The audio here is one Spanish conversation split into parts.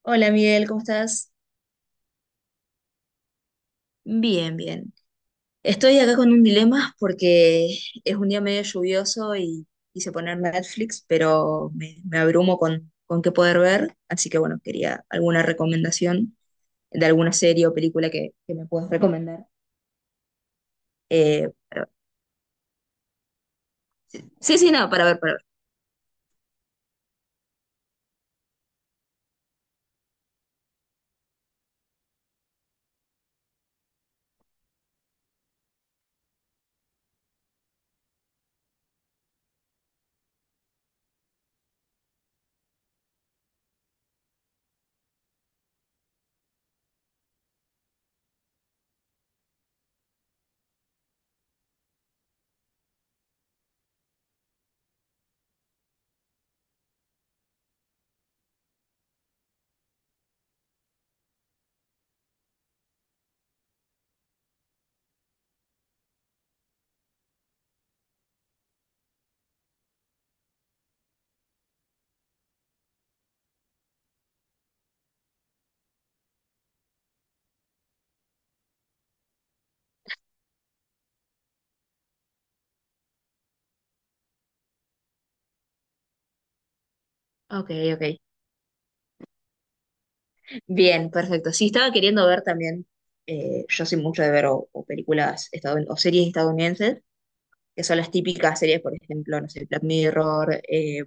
Hola, Miguel, ¿cómo estás? Bien, bien. Estoy acá con un dilema porque es un día medio lluvioso y quise poner Netflix, pero me abrumo con qué poder ver, así que bueno, quería alguna recomendación de alguna serie o película que me puedas recomendar. Eh, para- sí, sí, no, para ver, para ver. Ok, ok. Bien, perfecto. Sí, estaba queriendo ver también, yo soy mucho de ver o o series estadounidenses. Que son las típicas series, por ejemplo, no sé, Black Mirror,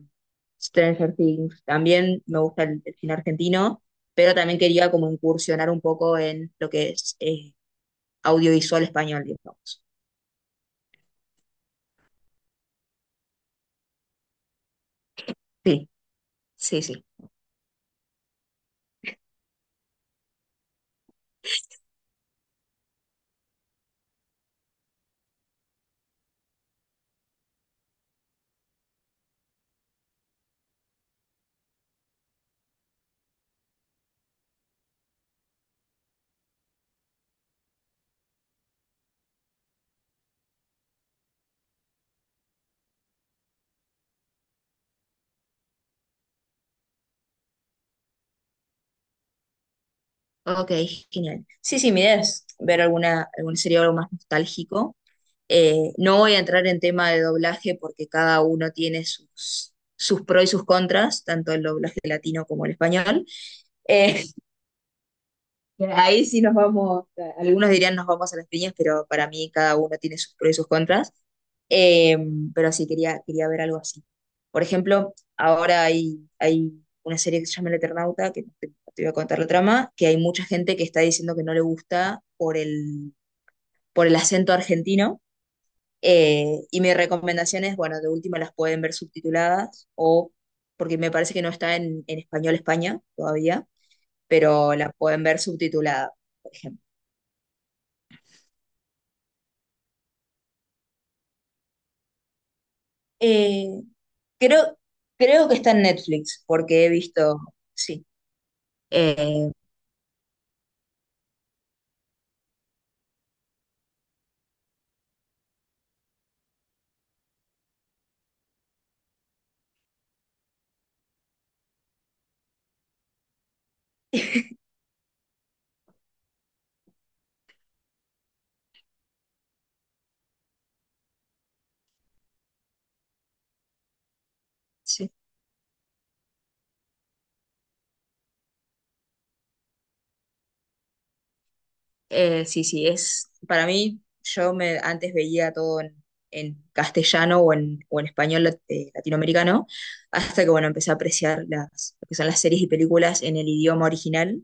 Stranger Things, también me gusta el cine argentino, pero también quería como incursionar un poco en lo que es audiovisual español, digamos. Sí, sí, sí. Ok, genial. Sí, sí, mi idea es ver alguna serie o algo más nostálgico. No voy a entrar en tema de doblaje porque cada uno tiene sus pros y sus contras, tanto el doblaje latino como el español. Eh, Ahí sí nos vamos, algunos dirían nos vamos a las piñas, pero para mí cada uno tiene sus pros y sus contras. Eh, pero sí, quería ver algo así. Por ejemplo, ahora hay una serie que se llama El Eternauta, que no te voy a contar la trama, que hay mucha gente que está diciendo que no le gusta por el acento argentino. Y mi recomendación es, bueno, de última las pueden ver subtituladas o porque me parece que no está en español España todavía, pero la pueden ver subtitulada, por ejemplo. Eh, creo, creo que está en Netflix, porque he visto, sí. Eh, sí, sí, sí, es, para mí, antes veía todo en castellano o en español latinoamericano, hasta que, bueno, empecé a apreciar lo que son las series y películas en el idioma original,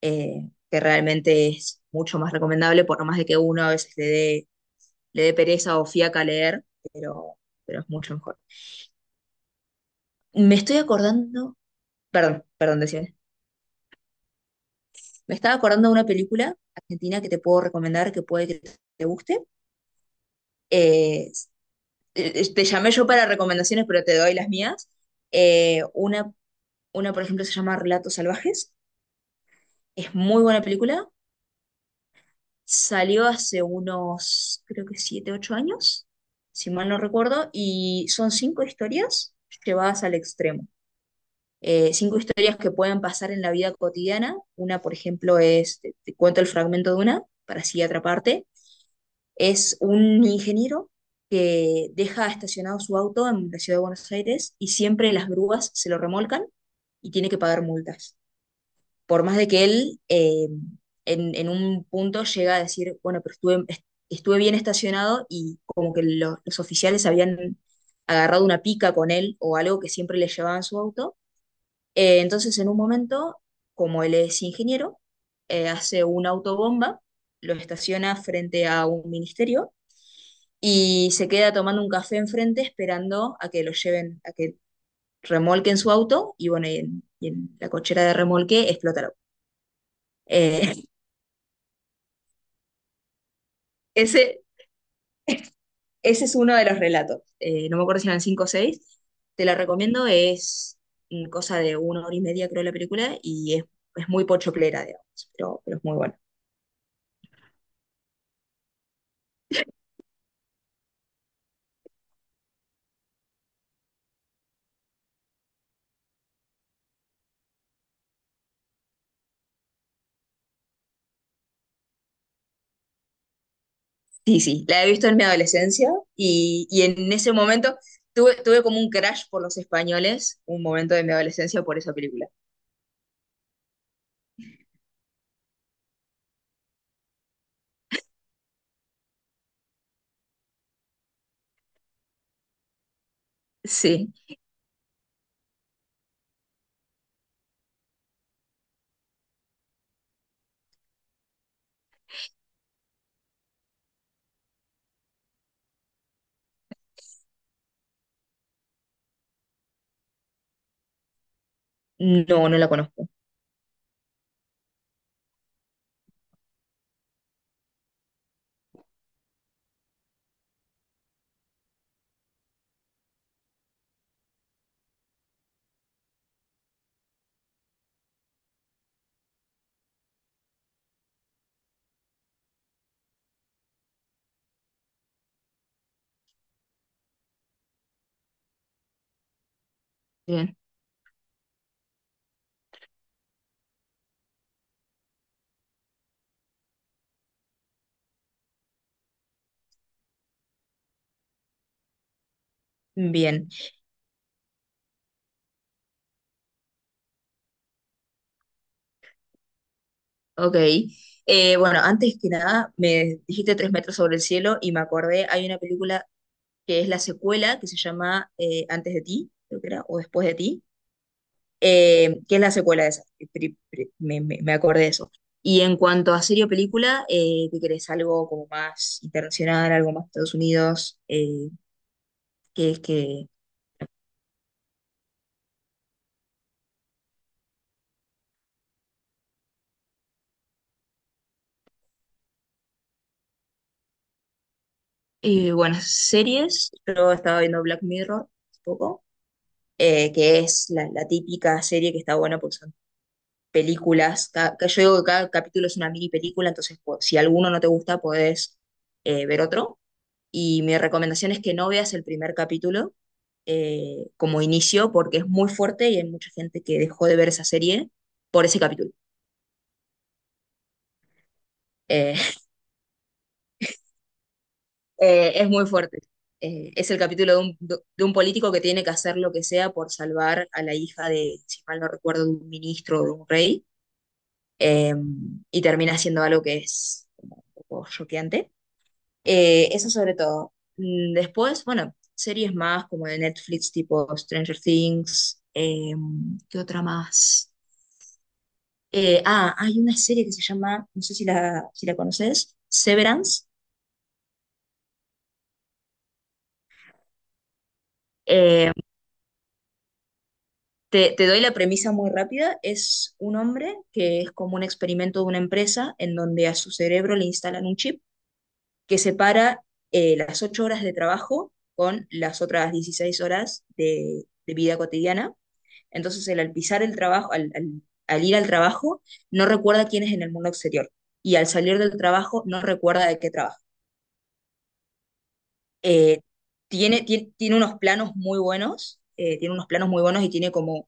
que realmente es mucho más recomendable, por más de que uno a veces le dé pereza o fiaca leer, pero, pero es mucho mejor. Me estoy acordando. Perdón, perdón, decía. Me estaba acordando de una película argentina que te puedo recomendar, que puede que te guste. Eh, Te llamé yo para recomendaciones, pero te doy las mías. Eh, una, una por ejemplo, se llama Relatos Salvajes. Es muy buena película. Salió hace unos, creo que 7, 8 años, si mal no recuerdo, y son cinco historias llevadas al extremo. Cinco historias que pueden pasar en la vida cotidiana. Una, por ejemplo, es, te cuento el fragmento de una, para así atraparte. Es un ingeniero que deja estacionado su auto en la ciudad de Buenos Aires y siempre las grúas se lo remolcan y tiene que pagar multas. Por más de que él en un punto llega a decir, bueno, pero estuve bien estacionado y como que los oficiales habían agarrado una pica con él o algo que siempre le llevaban su auto. Entonces en un momento, como él es ingeniero, hace una autobomba, lo estaciona frente a un ministerio y se queda tomando un café enfrente esperando a que lo lleven, a que remolquen su auto y bueno, y en la cochera de remolque explota el auto. Eh, ese, ese es uno de los relatos. No me acuerdo si eran 5 o seis. Te la recomiendo, es cosa de una hora y media, creo, la película y es muy pochoclera, digamos, pero es muy buena. Sí, sí, la he visto en mi adolescencia y en ese momento tuve como un crash por los españoles, un momento de mi adolescencia por esa película. Sí. No, no la conozco. Bien, bien, ok. Bueno, antes que nada, me dijiste Tres metros sobre el cielo y me acordé, hay una película que es la secuela, que se llama Antes de ti, creo que era, o Después de ti, que es la secuela de esa. Me me acordé de eso. Y en cuanto a serie o película, ¿qué querés? Algo como más internacional, algo más Estados Unidos, que es que. Bueno, series, yo estaba viendo Black Mirror hace poco, que es la típica serie que está buena porque son que yo digo que cada capítulo es una mini película, entonces si alguno no te gusta, podés ver otro. Y mi recomendación es que no veas el primer capítulo como inicio porque es muy fuerte y hay mucha gente que dejó de ver esa serie por ese capítulo. Eh, es muy fuerte. Es el capítulo de un político que tiene que hacer lo que sea por salvar a la hija de, si mal no recuerdo, de un ministro o de un rey eh, y termina siendo algo que es un poco choqueante. Eso sobre todo. Después, bueno, series más como de Netflix, tipo Stranger Things, ¿qué otra más? Hay una serie que se llama, no sé si la conoces, Severance. Eh, te doy la premisa muy rápida. Es un hombre que es como un experimento de una empresa en donde a su cerebro le instalan un chip que separa las 8 horas de trabajo con las otras 16 horas de vida cotidiana. Entonces, él, al pisar el trabajo, al ir al trabajo, no recuerda quién es en el mundo exterior. Y al salir del trabajo, no recuerda de qué trabaja. Eh, tiene unos planos muy buenos, tiene unos planos muy buenos y tiene como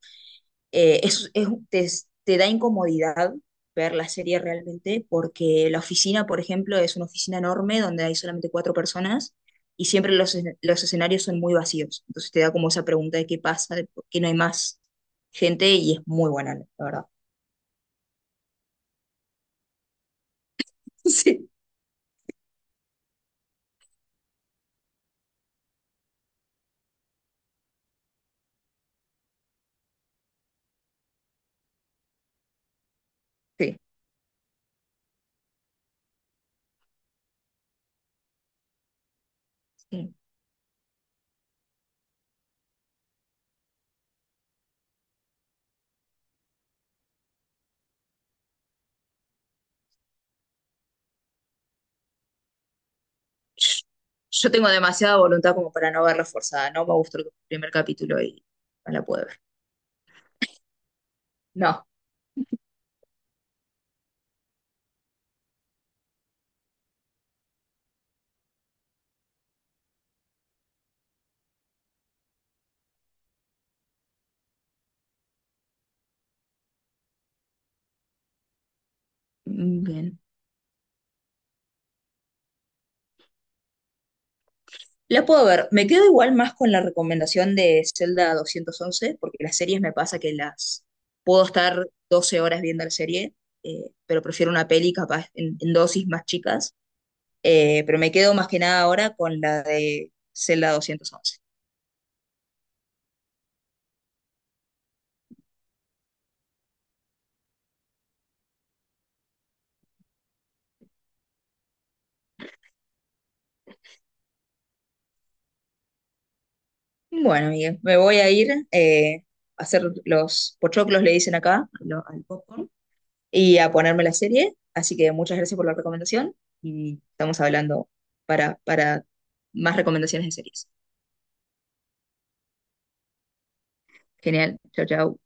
eh, es, es- te, te da incomodidad ver la serie realmente, porque la oficina, por ejemplo, es una oficina enorme donde hay solamente cuatro personas y siempre los escenarios son muy vacíos. Entonces te da como esa pregunta de qué pasa, de por qué no hay más gente y es muy buena, la verdad. Sí, sí, sí. Yo tengo demasiada voluntad como para no verla forzada, no me gustó el primer capítulo y no la puedo ver. No, mm, bien. La puedo ver. Me quedo igual más con la recomendación de Zelda 211 porque las series me pasa que las puedo estar 12 horas viendo la serie, pero prefiero una peli capaz en dosis más chicas. Pero me quedo más que nada ahora con la de Zelda 211. Bueno, Miguel, me voy a ir, a hacer los pochoclos, le dicen acá, al popcorn, y a ponerme la serie. Así que muchas gracias por la recomendación y estamos hablando para más recomendaciones de series. Genial. Chao, chao.